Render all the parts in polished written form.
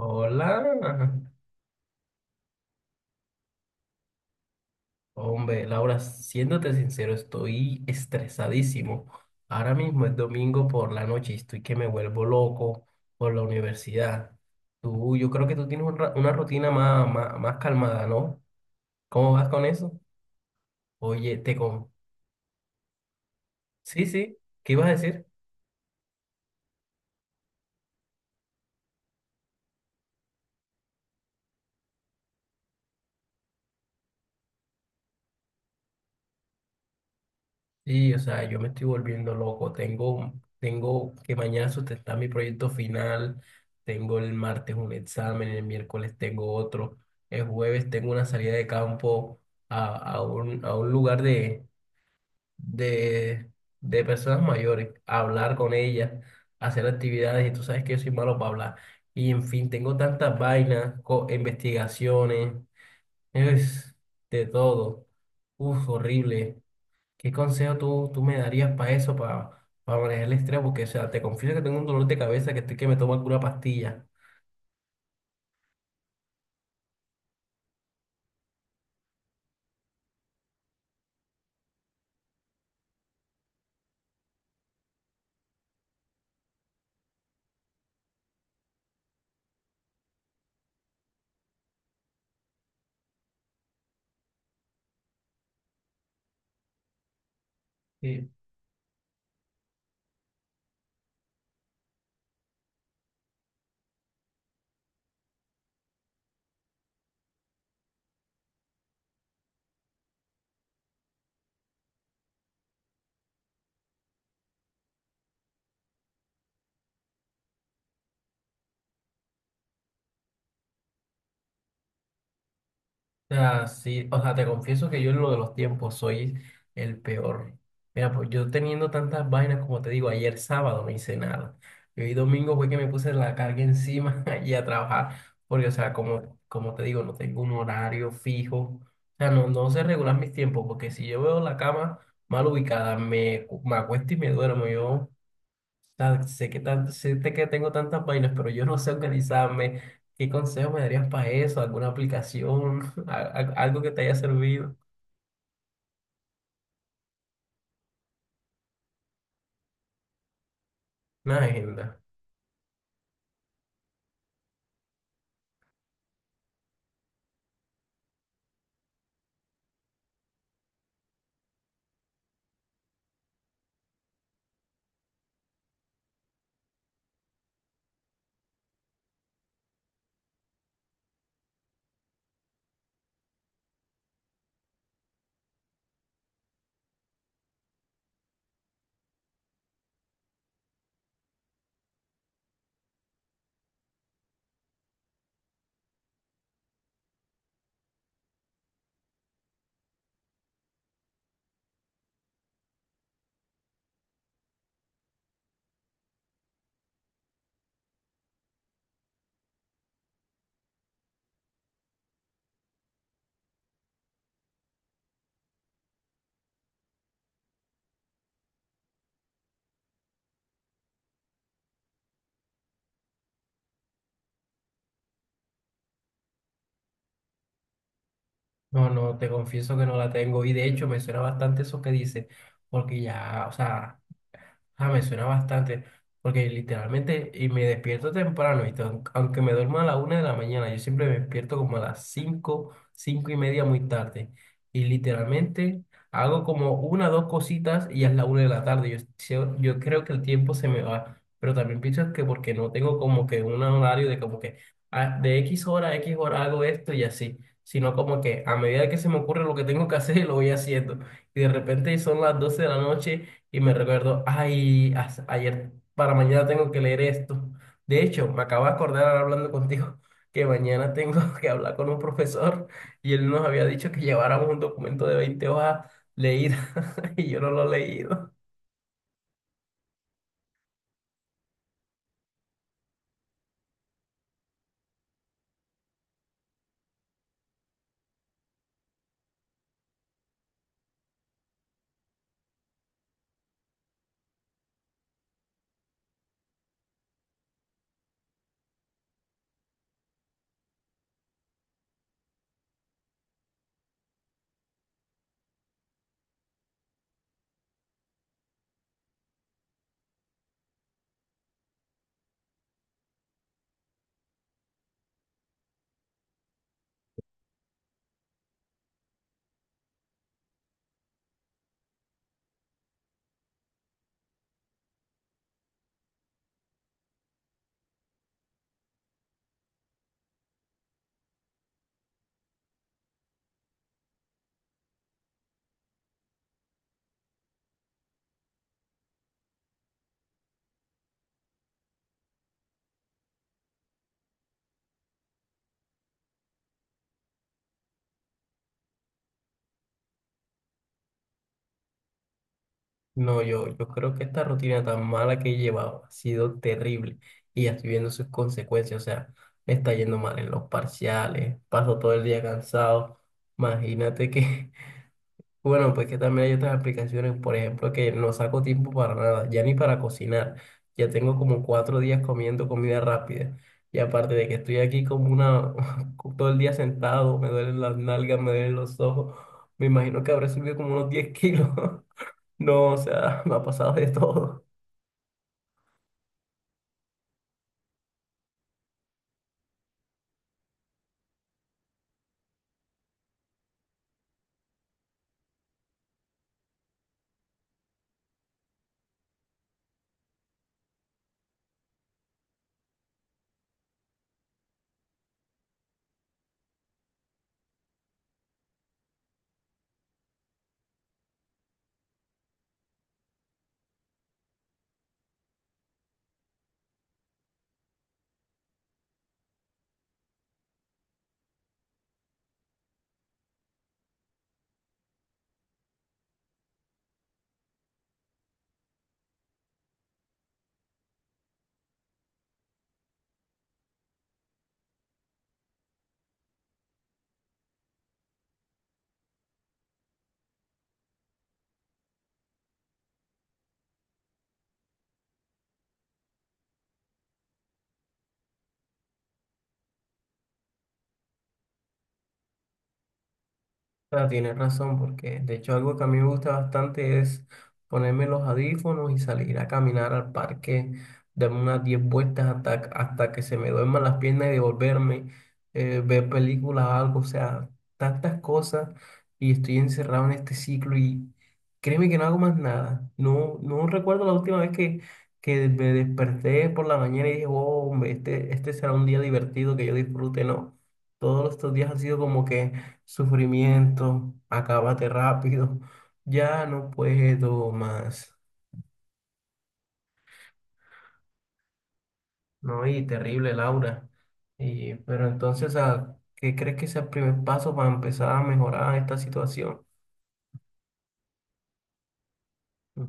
Hola, hombre, Laura, siéndote sincero, estoy estresadísimo. Ahora mismo es domingo por la noche y estoy que me vuelvo loco por la universidad. Tú, yo creo que tú tienes una rutina más calmada, ¿no? ¿Cómo vas con eso? Oye, te con... Sí, sí, ¿qué ibas a decir? Sí, o sea, yo me estoy volviendo loco. Tengo que mañana sustentar mi proyecto final. Tengo el martes un examen, el miércoles tengo otro. El jueves tengo una salida de campo a, a un lugar de, de personas mayores, a hablar con ellas, a hacer actividades. Y tú sabes que yo soy malo para hablar. Y en fin, tengo tantas vainas, investigaciones, es de todo. Uf, horrible. ¿Qué consejo tú me darías para eso, para manejar el estrés? Porque, o sea, te confieso que tengo un dolor de cabeza que estoy que me tomo pura pastilla. Sí. O sea, sí, o sea, te confieso que yo en lo de los tiempos soy el peor. Mira, pues yo teniendo tantas vainas, como te digo, ayer sábado no hice nada. Y hoy domingo fue que me puse la carga encima y a trabajar. Porque, o sea, como te digo, no tengo un horario fijo. O sea, no, no sé regular mis tiempos, porque si yo veo la cama mal ubicada, me acuesto y me duermo. Yo tan- sé que, tan- sé te- que tengo tantas vainas, pero yo no sé organizarme. ¿Qué consejo me darías para eso? ¿Alguna aplicación? ¿Algo que te haya servido? Una agenda. No, no, te confieso que no la tengo. Y de hecho me suena bastante eso que dices, porque ya, o sea... Ah, me suena bastante, porque literalmente, y me despierto temprano, ¿viste? Aunque me duerma a la 1 de la mañana, yo siempre me despierto como a las 5, 5:30 muy tarde. Y literalmente hago como una dos cositas y ya es la 1 de la tarde. Yo creo que el tiempo se me va, pero también pienso que porque no tengo como que un horario de como que ah, de X hora a X hora hago esto y así, sino como que a medida que se me ocurre lo que tengo que hacer, lo voy haciendo. Y de repente son las 12 de la noche y me recuerdo, ay, ayer para mañana tengo que leer esto. De hecho, me acabo de acordar ahora hablando contigo que mañana tengo que hablar con un profesor y él nos había dicho que lleváramos un documento de 20 hojas leídas y yo no lo he leído. No, yo creo que esta rutina tan mala que he llevado ha sido terrible y ya estoy viendo sus consecuencias. O sea, me está yendo mal en los parciales, paso todo el día cansado. Imagínate que. Bueno, pues que también hay otras aplicaciones, por ejemplo, que no saco tiempo para nada, ya ni para cocinar. Ya tengo como 4 días comiendo comida rápida. Y aparte de que estoy aquí como una, todo el día sentado, me duelen las nalgas, me duelen los ojos. Me imagino que habré subido como unos 10 kilos. No, o sea, me ha pasado de todo. Ah, tienes razón, porque de hecho algo que a mí me gusta bastante es ponerme los audífonos y salir a caminar al parque, darme unas 10 vueltas hasta, hasta que se me duerman las piernas y devolverme, ver películas o algo, o sea, tantas cosas y estoy encerrado en este ciclo y créeme que no hago más nada. No, no recuerdo la última vez que me desperté por la mañana y dije, oh, hombre, este será un día divertido que yo disfrute, no. Todos estos días han sido como que sufrimiento, acábate rápido, ya no puedo más, ¿no? Y terrible, Laura. Y, pero entonces, ¿a qué crees que es el primer paso para empezar a mejorar esta situación? Mm.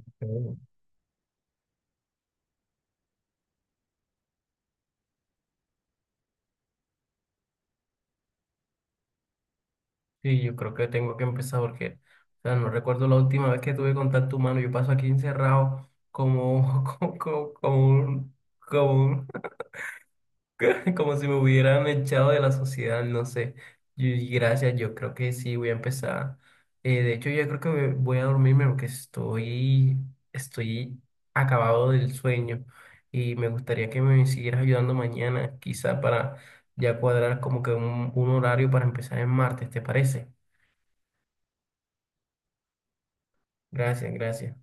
Ok. Sí, yo creo que tengo que empezar porque, o sea, no recuerdo la última vez que tuve contacto humano, yo paso aquí encerrado como un como si me hubieran echado de la sociedad, no sé. Y gracias, yo creo que sí, voy a empezar. De hecho, yo creo que voy a dormirme porque estoy, estoy acabado del sueño y me gustaría que me siguieras ayudando mañana, quizá para ya cuadrar como que un horario para empezar en martes, ¿te parece? Gracias, gracias.